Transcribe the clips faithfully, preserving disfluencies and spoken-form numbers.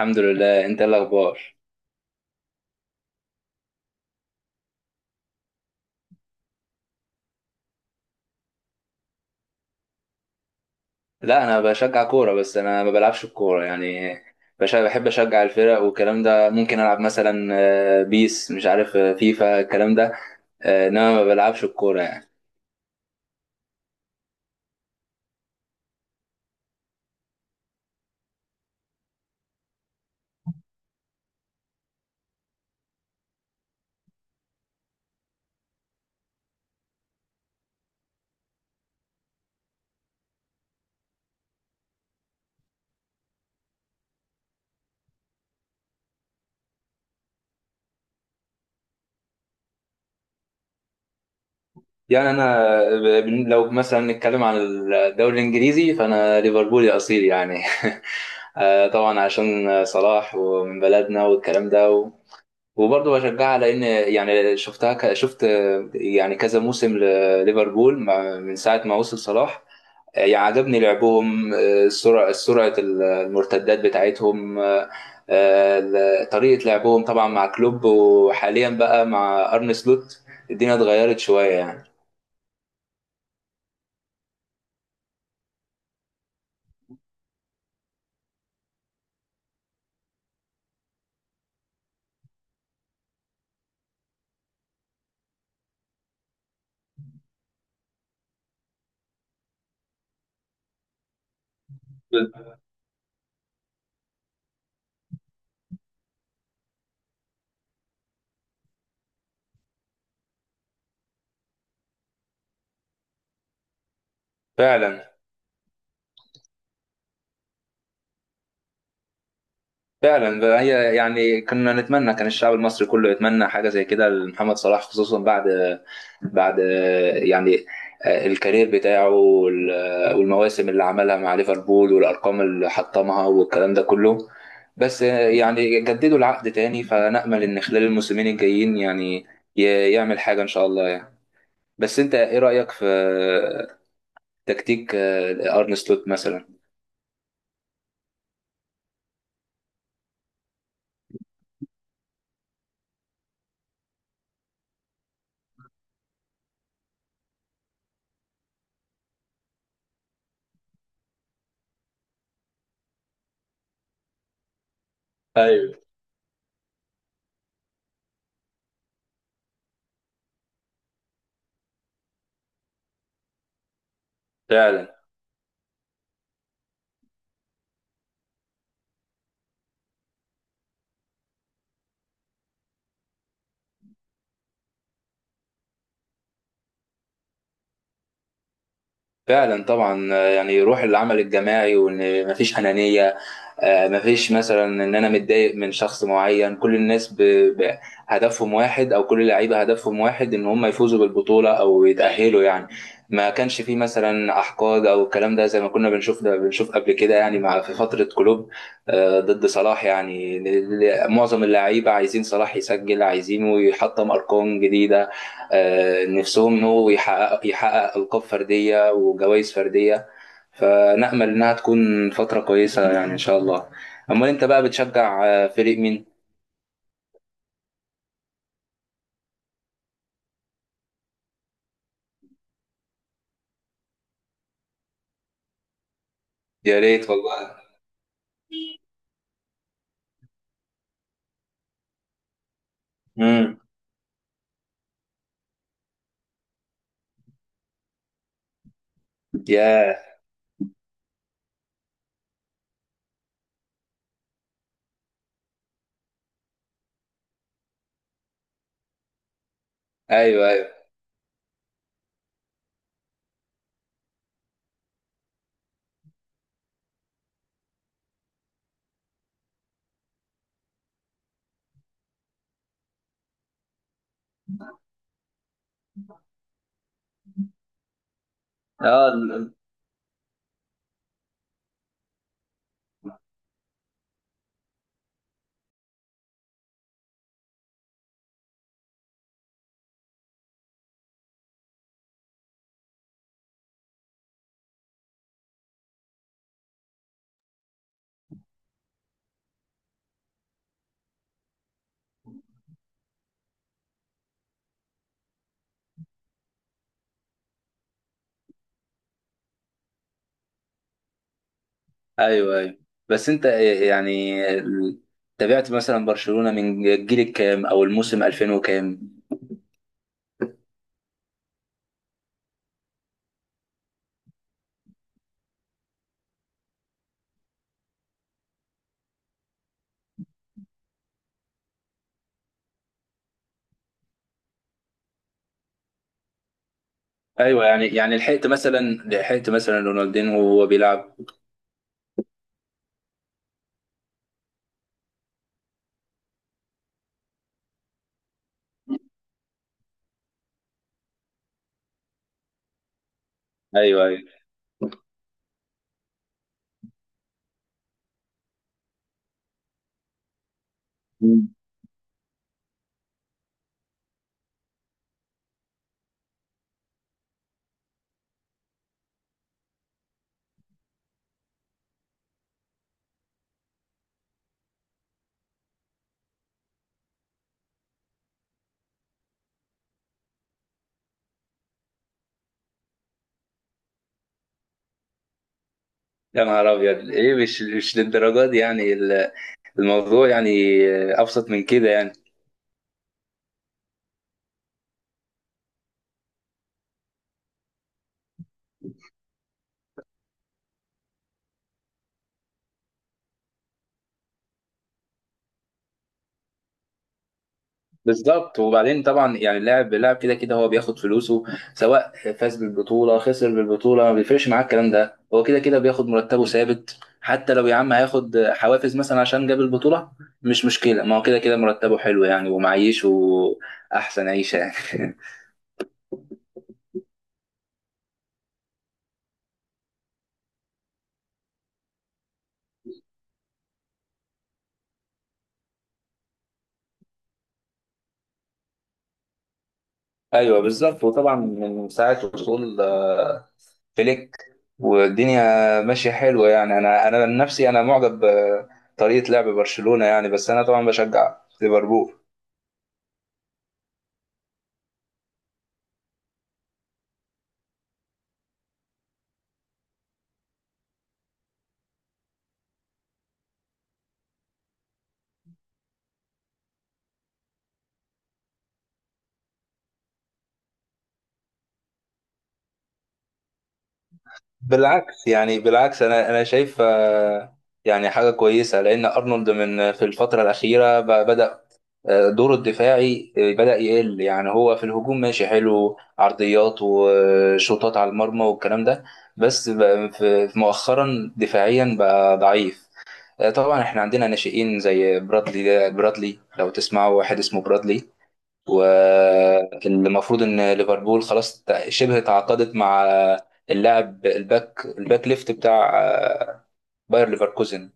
الحمد لله. انت ايه الاخبار؟ لا، انا بشجع كوره بس انا ما بلعبش الكوره يعني. بش- بحب اشجع الفرق والكلام ده، ممكن العب مثلا. آه، بيس، مش عارف، آه، فيفا، الكلام ده. آه، انما ما بلعبش الكوره يعني. يعني انا ب- بن- لو مثلا نتكلم عن الدوري الانجليزي فانا ليفربولي اصيل يعني. آه، طبعا عشان صلاح، ومن بلدنا والكلام ده، و... وبرضه بشجعها، لان يعني شفتها ك... شفت، آه، يعني كذا موسم لليفربول، مع- من ساعه ما وصل صلاح. آه، يعجبني لعبهم، آه، سرعة سرعة المرتدات بتاعتهم، آه، آه، طريقة لعبهم طبعا مع كلوب، وحاليا بقى مع أرن سلوت. الدنيا اتغيرت شوية يعني. فعلا. فعلا بقى، هي يعني كنا نتمنى، كان الشعب المصري كله يتمنى حاجه زي كده لمحمد صلاح، خصوصا بعد بعد يعني الكارير بتاعه وال- والمواسم اللي عملها مع ليفربول، والارقام اللي حطمها والكلام ده كله. بس يعني جددوا العقد تاني، فنأمل ان خلال الموسمين الجايين يعني ي- يعمل حاجه ان شاء الله يعني. بس انت ايه رأيك في تكتيك ارن سلوت مثلا؟ ايوه. فعلا، فعلا. طبعا، آه، يعني روح العمل الجماعي وان مفيش انانيه. آه، مفيش مثلا ان انا متضايق من شخص معين، كل الناس ب... ب... هدفهم واحد، او كل اللعيبه هدفهم واحد ان هم يفوزوا بالبطوله او يتاهلوا يعني. ما كانش فيه مثلا احقاد او الكلام ده، زي ما كنا بنشوف ده بنشوف قبل كده يعني، مع في فتره كلوب. آه، ضد صلاح يعني، ل- ل- معظم اللعيبه عايزين صلاح يسجل، عايزينه يحطم ارقام جديده. آه، نفسهم انه يحقق يحقق القاب فرديه وجوائز فرديه. فنأمل إنها تكون فترة كويسة يعني إن شاء الله. أمال أنت بقى بتشجع آه، فريق مين؟ يا ريت والله. امم. يا، أيوه، أيوه. آه ال- ال- أيوه، أيوه. بس أنت، يعني ال- تابعت مثلا برشلونة من الجيل الكام أو الموسم ألفين وكام؟ أيوه، يعني يعني لحقت مثلا لحقت مثلا رونالدينو وهو بيلعب. أيوه، أيوه. مم. يا نهار أبيض، إيه؟ مش مش للدرجة دي يعني، ال- الموضوع يعني آه، أبسط من كده يعني. بالظبط. وبعدين طبعا يعني، اللاعب اللاعب كده كده هو بياخد فلوسه. سواء فاز بالبطوله، خسر بالبطوله، ما بيفرقش معاه الكلام ده. هو كده كده بياخد مرتبه ثابت، حتى لو يا عم هياخد حوافز مثلا عشان جاب البطوله، مش مشكله، ما هو كده كده مرتبه حلو يعني ومعيشه احسن عيشه يعني. ايوه، بالظبط. وطبعا من ساعه وصول آه، فليك، والدنيا ماشيه حلوه يعني. انا انا عن نفسي انا معجب بطريقه لعب برشلونه يعني، بس انا طبعا بشجع ليفربول. بالعكس يعني، بالعكس انا انا شايف آه، يعني حاجه كويسه، لان ارنولد من في الفتره الاخيره ب- بدا آه، دوره الدفاعي آه، بدا يقل يعني. هو في الهجوم ماشي حلو، عرضيات وشوطات على المرمى والكلام ده، بس ب- في في مؤخرا دفاعيا بقى ضعيف. آه، طبعا احنا عندنا ناشئين زي برادلي، ده- برادلي لو تسمعوا، واحد اسمه برادلي. والمفروض ان ليفربول خلاص تع- شبه تعاقدت مع اللاعب الباك الباك ليفت بتاع آه، باير ليفركوزن.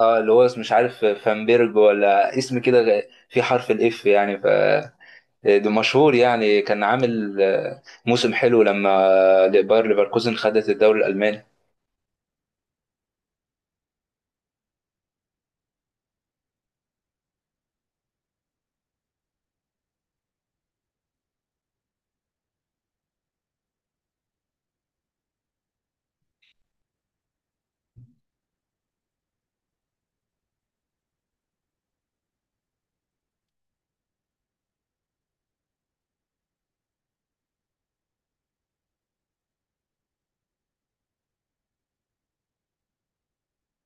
اه، اللي هو اسمه مش عارف فانبيرج، ولا اسم كده غ- في حرف الاف يعني ف ده مشهور يعني، كان عامل آه، موسم حلو لما آه، باير ليفركوزن خدت الدوري الالماني.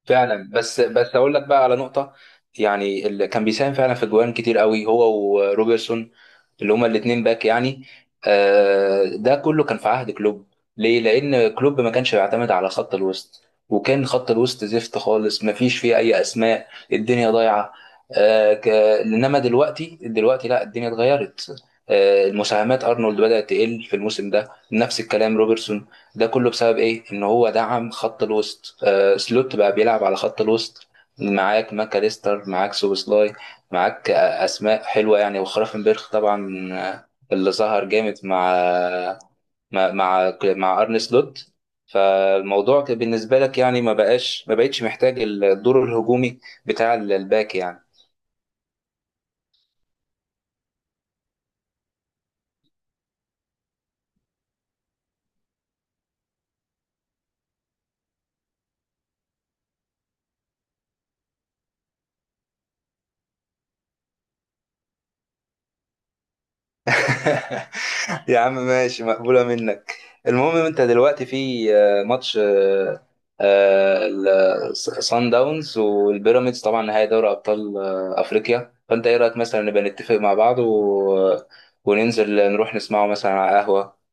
فعلا. بس بس اقول لك بقى على نقطه، يعني اللي كان بيساهم فعلا في جوان كتير قوي هو وروبرتسون، اللي هما الاثنين باك يعني. آه، ده كله كان في عهد كلوب. ليه؟ لان كلوب ما كانش بيعتمد على خط الوسط، وكان خط الوسط زفت خالص، ما فيش فيه اي اسماء، الدنيا ضايعه. آه، ك- انما دلوقتي، دلوقتي لا الدنيا اتغيرت. آه، المساهمات ارنولد بدأت تقل في الموسم ده، نفس الكلام روبرتسون، ده كله بسبب ايه؟ ان هو دعم خط الوسط. آه، سلوت بقى بيلعب على خط الوسط. معاك ماكاليستر، معاك سوبوسلاي، معاك آه، اسماء حلوه يعني، وخرافنبرخ طبعا، آه، اللي ظهر جامد مع مع مع, مع ارن سلوت. فالموضوع كان بالنسبه لك يعني ما بقاش ما بقتش محتاج الدور الهجومي بتاع الباك يعني. يا عم، ماشي، مقبولة منك. المهم انت دلوقتي في آه، ماتش آه، آه، ال- صن داونز والبيراميدز، طبعا نهائي دوري ابطال آه، افريقيا. فانت ايه رايك مثلا نبقى نتفق مع بعض، و... آه، وننزل نروح نسمعه مثلا على قهوة؟